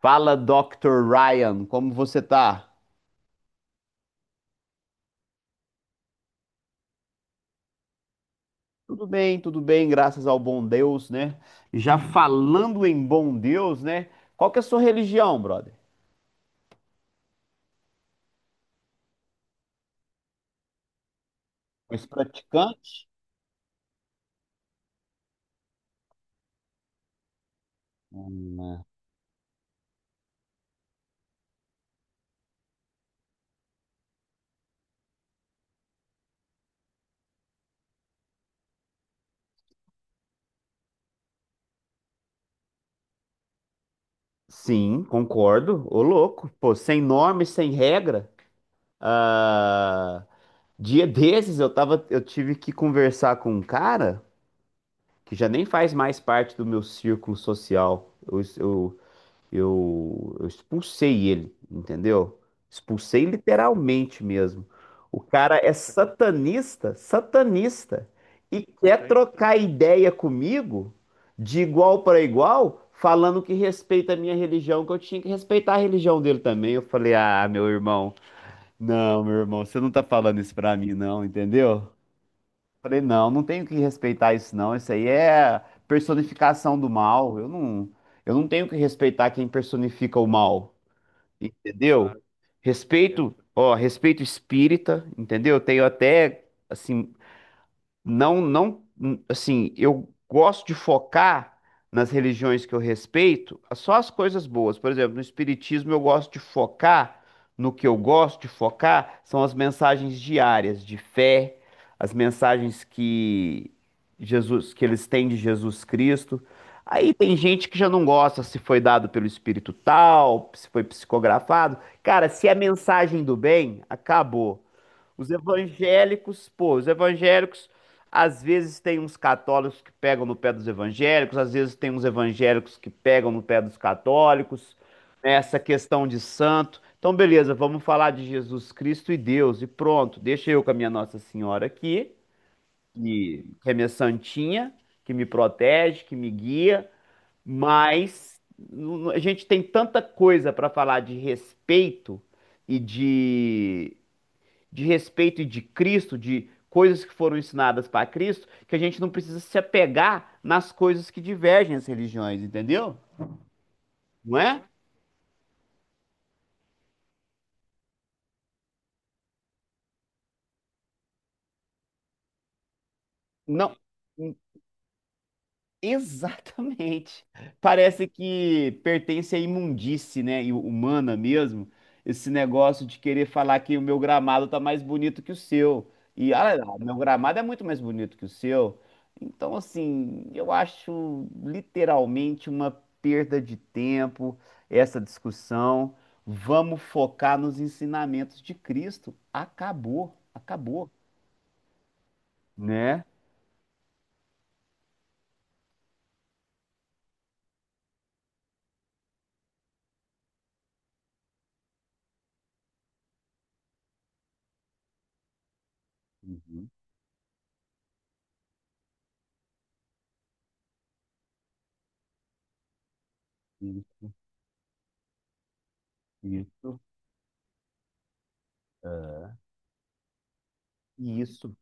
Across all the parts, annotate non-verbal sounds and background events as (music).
Fala, Dr. Ryan, como você tá? Tudo bem, graças ao bom Deus, né? Já falando em bom Deus, né? Qual que é a sua religião, brother? És praticante? Sim, concordo. Ô, louco, pô, sem norma e sem regra. Ah, dia desses eu tive que conversar com um cara que já nem faz mais parte do meu círculo social. Eu expulsei ele, entendeu? Expulsei literalmente mesmo. O cara é satanista, e quer trocar ideia comigo de igual para igual, falando que respeita a minha religião, que eu tinha que respeitar a religião dele também. Eu falei, ah, meu irmão, não, meu irmão, você não tá falando isso pra mim, não, entendeu? Falei, não, não tenho que respeitar isso, não. Isso aí é personificação do mal. Eu não tenho que respeitar quem personifica o mal, entendeu? Claro, respeito, ó, respeito espírita, entendeu? Tenho até, assim, não, não, assim, eu gosto de focar nas religiões que eu respeito, só as coisas boas. Por exemplo, no espiritismo eu gosto de focar no que eu gosto de focar são as mensagens diárias de fé, as mensagens que Jesus, que eles têm de Jesus Cristo. Aí tem gente que já não gosta se foi dado pelo espírito tal, se foi psicografado. Cara, se é mensagem do bem, acabou. Os evangélicos, às vezes tem uns católicos que pegam no pé dos evangélicos, às vezes tem uns evangélicos que pegam no pé dos católicos, né, essa questão de santo. Então, beleza, vamos falar de Jesus Cristo e Deus, e pronto, deixa eu com a minha Nossa Senhora aqui, que é minha santinha, que me protege, que me guia, mas a gente tem tanta coisa para falar de respeito e de e de Cristo, de coisas que foram ensinadas para Cristo, que a gente não precisa se apegar nas coisas que divergem as religiões, entendeu? Não é? Não. Exatamente. Parece que pertence à imundície, né, e humana mesmo, esse negócio de querer falar que o meu gramado tá mais bonito que o seu. E olha lá, meu gramado é muito mais bonito que o seu. Então, assim, eu acho literalmente uma perda de tempo essa discussão. Vamos focar nos ensinamentos de Cristo. Acabou, né? Uhum. Isso. Isso. É. Isso,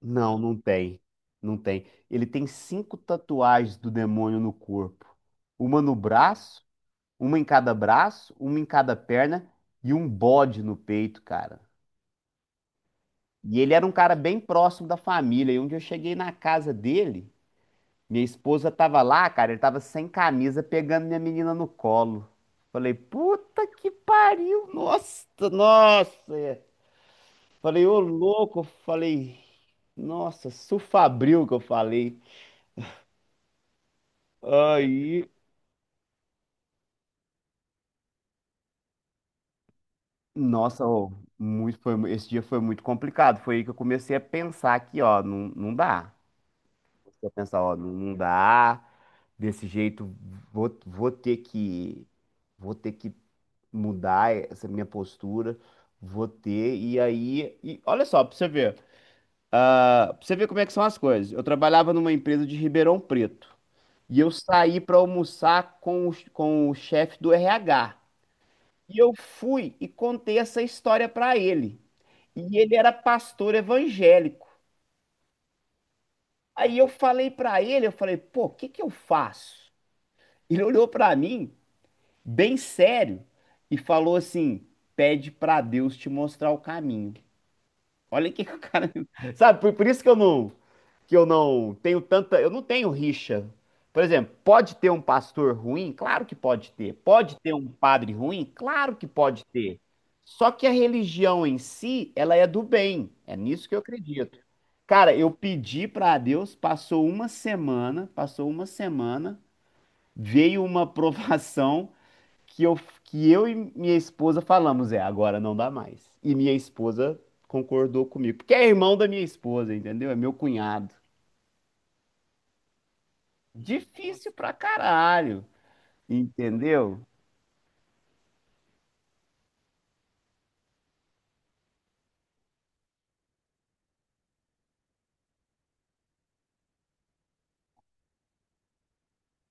não, não tem. Não tem. Ele tem cinco tatuagens do demônio no corpo. Uma no braço, uma em cada braço, uma em cada perna e um bode no peito, cara. E ele era um cara bem próximo da família. E onde eu cheguei na casa dele, minha esposa tava lá, cara, ele tava sem camisa pegando minha menina no colo. Falei, puta que pariu, nossa, nossa. Falei, ô louco, falei, nossa, Sufabril que eu falei. Aí, nossa, ô, esse dia foi muito complicado. Foi aí que eu comecei a pensar que, ó, não, não dá. Eu pensar, ó, não, não dá. Desse jeito, vou, vou ter que, vou ter que mudar essa minha postura. Vou ter. E aí, e olha só, pra você ver, como é que são as coisas. Eu trabalhava numa empresa de Ribeirão Preto. E eu saí pra almoçar com o chefe do RH. E eu fui e contei essa história pra ele. E ele era pastor evangélico. Aí eu falei pra ele, eu falei, pô, o que que eu faço? Ele olhou pra mim, bem sério, e falou assim: pede pra Deus te mostrar o caminho. Olha que o cara. (laughs) Sabe, por isso que eu não tenho tanta, eu não tenho rixa. Por exemplo, pode ter um pastor ruim? Claro que pode ter. Pode ter um padre ruim? Claro que pode ter. Só que a religião em si, ela é do bem. É nisso que eu acredito. Cara, eu pedi para Deus, passou uma semana, veio uma (laughs) provação que eu, que eu e minha esposa falamos, é, agora não dá mais. E minha esposa concordou comigo, porque é irmão da minha esposa, entendeu? É meu cunhado. Difícil pra caralho, entendeu?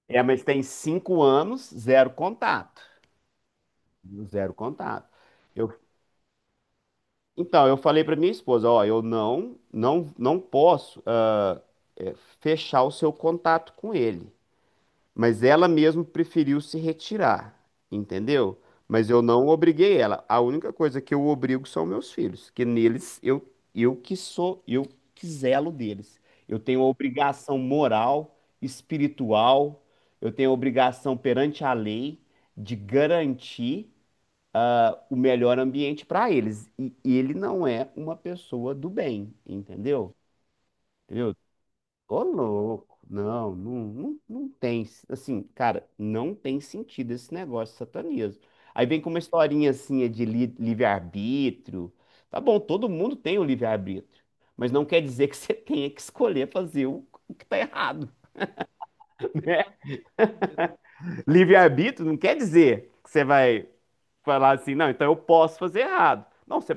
É, mas tem cinco anos, zero contato. Zero contato. Eu, então, eu falei pra minha esposa, ó, eu não posso eh, fechar o seu contato com ele. Mas ela mesmo preferiu se retirar, entendeu? Mas eu não obriguei ela. A única coisa que eu obrigo são meus filhos, que neles eu que zelo deles. Eu tenho obrigação moral, espiritual, eu tenho obrigação perante a lei de garantir o melhor ambiente para eles. E ele não é uma pessoa do bem, entendeu? Entendeu? Ô, louco. Não tem. Assim, cara, não tem sentido esse negócio de satanismo. Aí vem com uma historinha assim de livre-arbítrio. Tá bom, todo mundo tem o livre-arbítrio. Mas não quer dizer que você (laughs) tenha que escolher fazer o que tá errado, (laughs) né? Livre-arbítrio não quer dizer que você vai falar assim, não, então eu posso fazer errado. Não,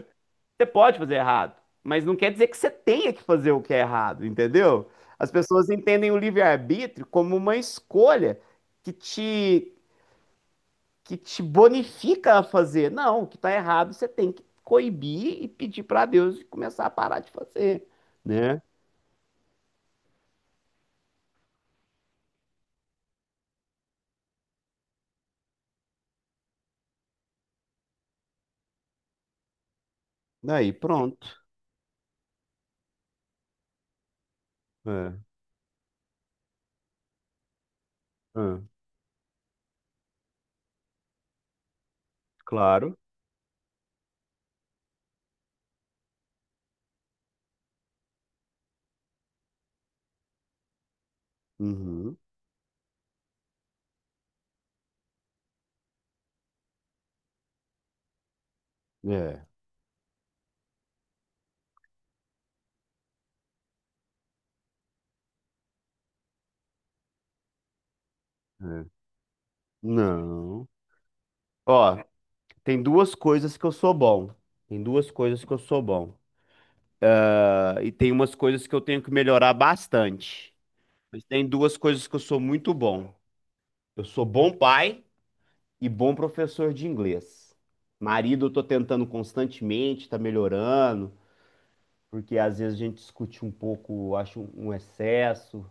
você pode fazer errado, mas não quer dizer que você tenha que fazer o que é errado, entendeu? As pessoas entendem o livre-arbítrio como uma escolha que te, que te bonifica a fazer. Não, o que está errado você tem que coibir e pedir para Deus e começar a parar de fazer, né? Daí pronto. É, é, claro. Uhum. É, é. Não. Ó, tem duas coisas que eu sou bom. Tem duas coisas que eu sou bom. Ah, E tem umas coisas que eu tenho que melhorar bastante. Mas tem duas coisas que eu sou muito bom. Eu sou bom pai e bom professor de inglês. Marido, eu tô tentando constantemente, tá melhorando, porque às vezes a gente discute um pouco, acho um excesso.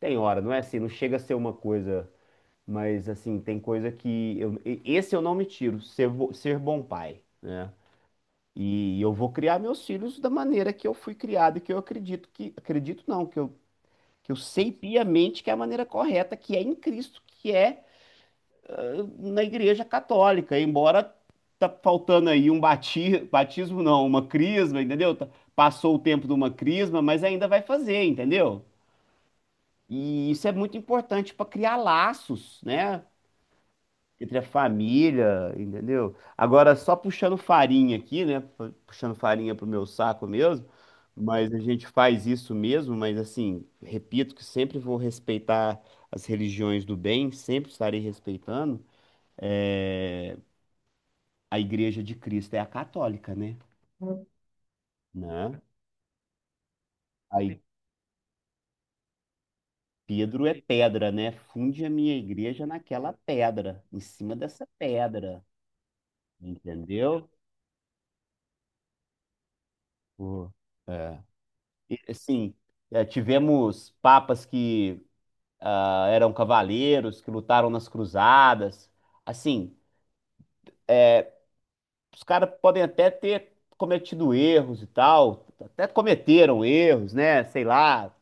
Tem hora, não é assim, não chega a ser uma coisa, mas assim, tem coisa que eu, esse eu não me tiro, ser, ser bom pai, né? E eu vou criar meus filhos da maneira que eu fui criado e que eu acredito não, que eu sei piamente que é a maneira correta, que é em Cristo, que é na Igreja Católica, embora tá faltando aí um batismo, não, uma crisma, entendeu? Passou o tempo de uma crisma, mas ainda vai fazer, entendeu? E isso é muito importante para criar laços, né? Entre a família, entendeu? Agora, só puxando farinha aqui, né? Puxando farinha pro meu saco mesmo, mas a gente faz isso mesmo, mas assim, repito que sempre vou respeitar as religiões do bem, sempre estarei respeitando. É, A Igreja de Cristo é a católica, né? Né? Aí Pedro é pedra, né? Funde a minha igreja naquela pedra, em cima dessa pedra, entendeu? Pô, é. Sim, tivemos papas que eram cavaleiros, que lutaram nas cruzadas. Assim, os caras podem até ter cometido erros e tal, até cometeram erros, né? Sei lá,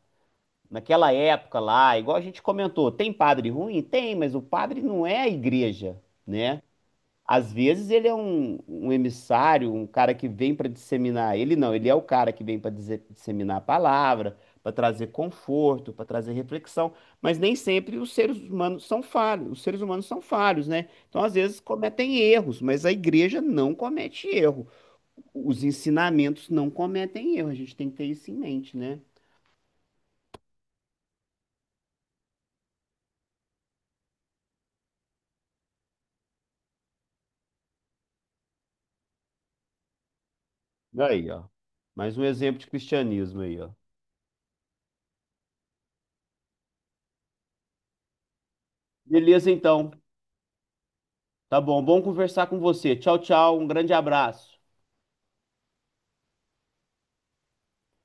naquela época lá, igual a gente comentou, tem padre ruim? Tem, mas o padre não é a igreja, né? Às vezes ele é um emissário, um cara que vem para disseminar. Ele não, ele é o cara que vem para disseminar a palavra, para trazer conforto, para trazer reflexão. Mas nem sempre os seres humanos são falhos. Os seres humanos são falhos, né? Então, às vezes, cometem erros, mas a igreja não comete erro. Os ensinamentos não cometem erro. A gente tem que ter isso em mente, né? Aí, ó. Mais um exemplo de cristianismo aí, ó. Beleza, então. Tá bom. Bom conversar com você. Tchau, tchau. Um grande abraço.